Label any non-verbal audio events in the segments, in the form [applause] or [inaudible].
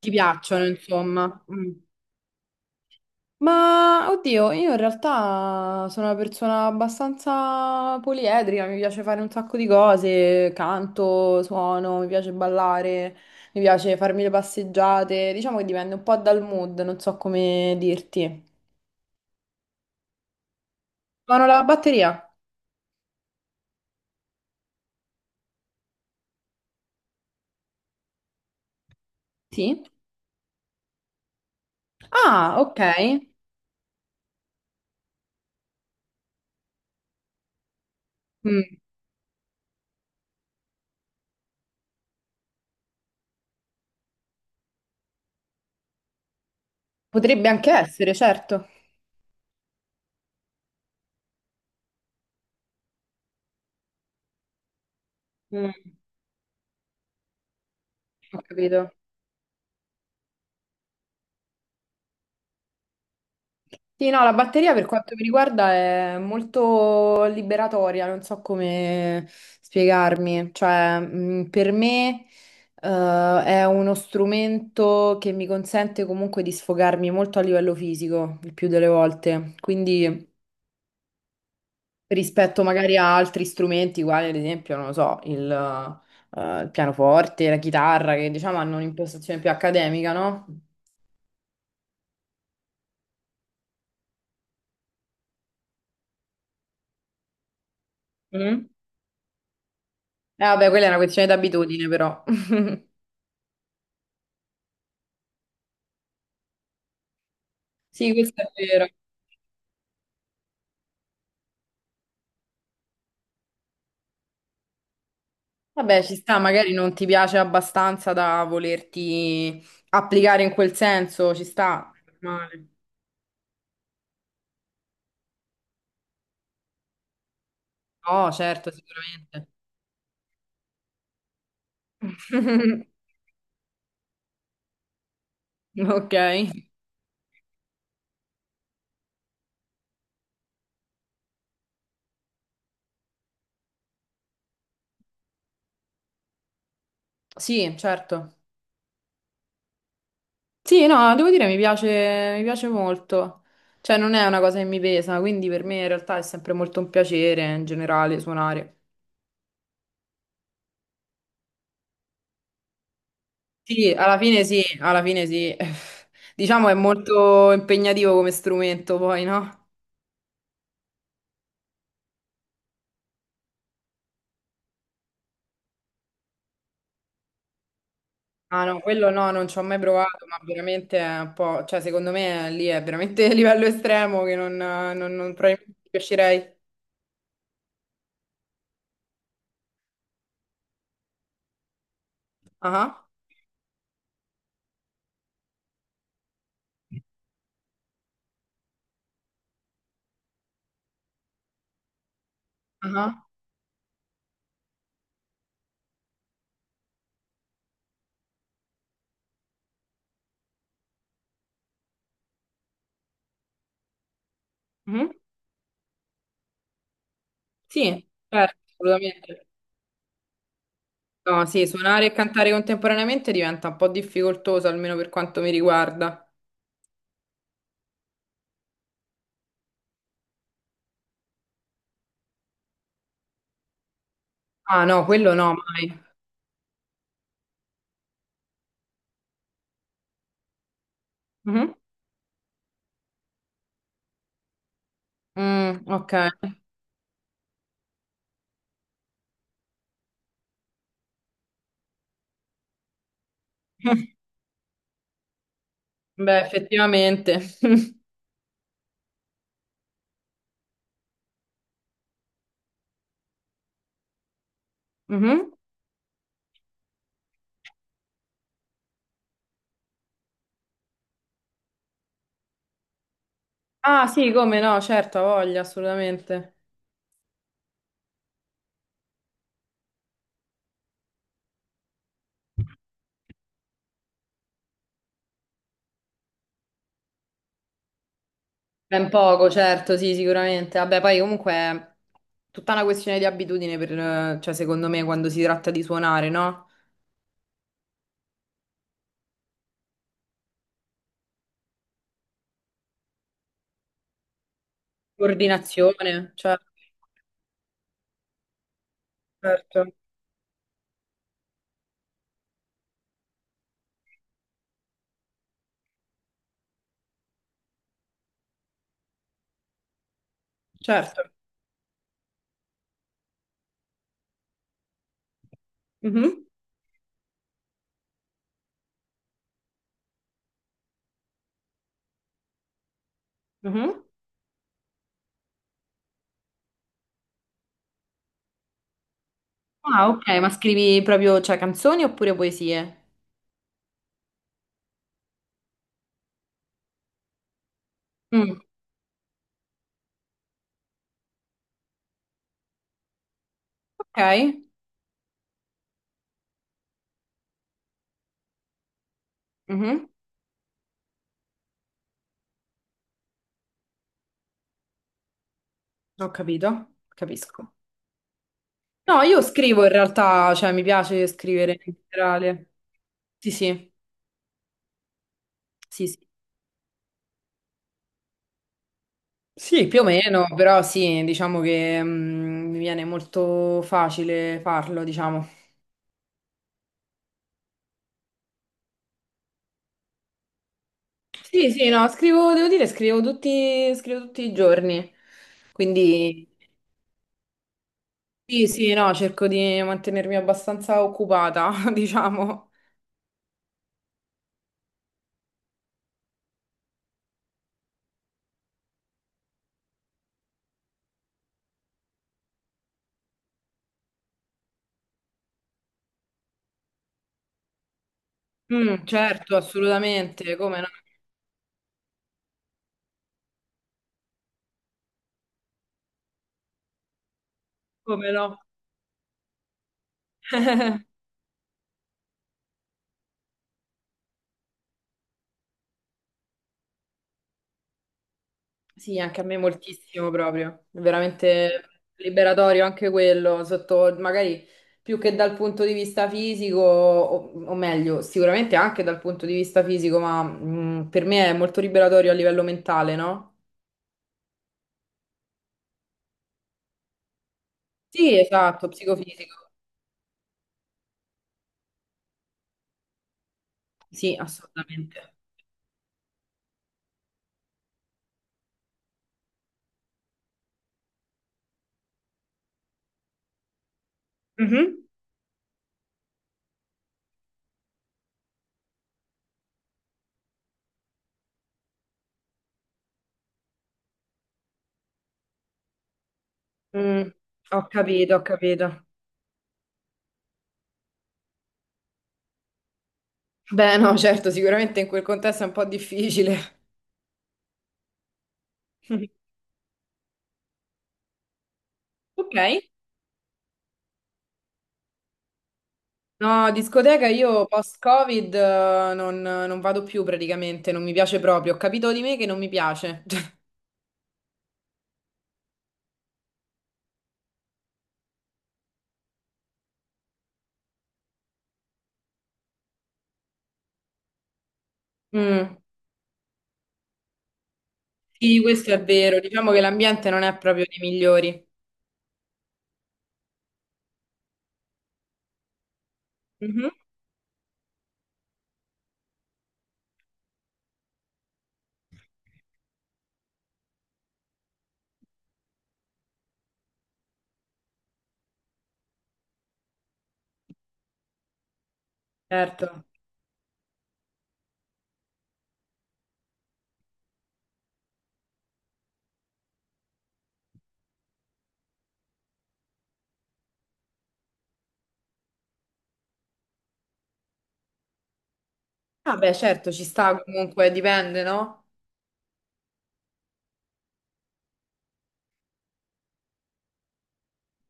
Ti piacciono, insomma. Mm. Ma oddio, io in realtà sono una persona abbastanza poliedrica, mi piace fare un sacco di cose, canto, suono, mi piace ballare, mi piace farmi le passeggiate, diciamo che dipende un po' dal mood, non so come dirti. Suono la batteria? Sì. Ah, ok. Mm. Potrebbe anche essere, certo. Mm, ho capito. Sì, no, la batteria per quanto mi riguarda è molto liberatoria, non so come spiegarmi. Cioè, per me, è uno strumento che mi consente comunque di sfogarmi molto a livello fisico, il più delle volte. Quindi, rispetto magari a altri strumenti, quali ad esempio, non lo so, il pianoforte, la chitarra, che diciamo hanno un'impostazione più accademica, no? Mm. Vabbè, quella è una questione d'abitudine, però. [laughs] Sì, questo è vero. Vabbè, ci sta, magari non ti piace abbastanza da volerti applicare in quel senso, ci sta. Normale. No, certo, sicuramente. [laughs] Ok, sì, certo. Sì, no, devo dire mi piace molto. Cioè, non è una cosa che mi pesa, quindi per me in realtà è sempre molto un piacere in generale suonare. Sì, alla fine sì, alla fine sì. [laughs] Diciamo è molto impegnativo come strumento, poi, no? Ah no, quello no, non ci ho mai provato, ma veramente è un po', cioè secondo me lì è veramente [laughs] a livello estremo che non probabilmente ci riuscirei. Ah, ah, mhm. Sì, certo, assolutamente. No, sì, suonare e cantare contemporaneamente diventa un po' difficoltoso, almeno per quanto mi riguarda. Ah no, quello no, mai. Mhm. Mm, ok. [laughs] Beh, effettivamente. [laughs] Mhm. Ah sì, come no, certo, ha voglia, assolutamente. Ben poco, certo, sì, sicuramente. Vabbè, poi comunque è tutta una questione di abitudine per, cioè, secondo me, quando si tratta di suonare, no? Coordinazione, cioè, certo, certo. Mhm, mhm. Ah, ok, ma scrivi proprio, cioè, canzoni oppure poesie? Mm, ok, mhm, ho capito, capisco. No, io scrivo in realtà, cioè, mi piace scrivere in generale. Sì, sì, sì, sì. Sì, più o meno, però sì, diciamo che mi viene molto facile farlo, diciamo. Sì, sì, no, scrivo, devo dire, scrivo tutti i giorni. Quindi sì, sì, no, cerco di mantenermi abbastanza occupata, [laughs] diciamo. Mm, certo, assolutamente, come no, come no. Sì, anche a me moltissimo proprio. È veramente liberatorio anche quello, sotto magari più che dal punto di vista fisico, o meglio, sicuramente anche dal punto di vista fisico, ma per me è molto liberatorio a livello mentale, no? Sì, esatto, psicofisico. Sì, assolutamente. Mhm. Mm, ho capito, ho capito. Beh, no, certo, sicuramente in quel contesto è un po' difficile. [laughs] Ok. No, discoteca io post-Covid non vado più praticamente, non mi piace proprio. Ho capito di me che non mi piace. [laughs] Mm, sì, questo è vero. Diciamo che l'ambiente non è proprio dei migliori. Mhm, certo. Vabbè, certo, ci sta comunque, dipende, no?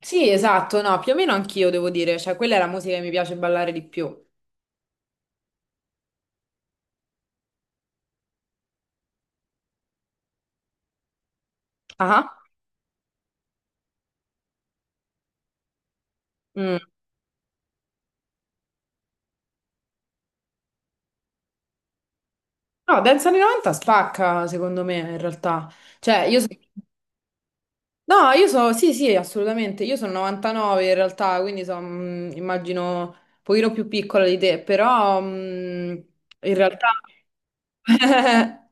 Sì, esatto, no, più o meno anch'io devo dire, cioè quella è la musica che mi piace ballare di più. Ah. Mm. No, dance anni 90 spacca, secondo me, in realtà. Cioè, io sono No, io sono, sì, sì, assolutamente, io sono 99 in realtà, quindi sono, immagino, un pochino più piccola di te, però in realtà... [laughs]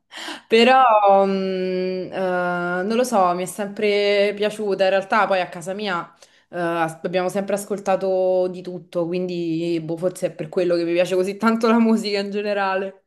Però, non lo so, mi è sempre piaciuta. In realtà, poi a casa mia, abbiamo sempre ascoltato di tutto, quindi boh, forse è per quello che mi piace così tanto la musica in generale.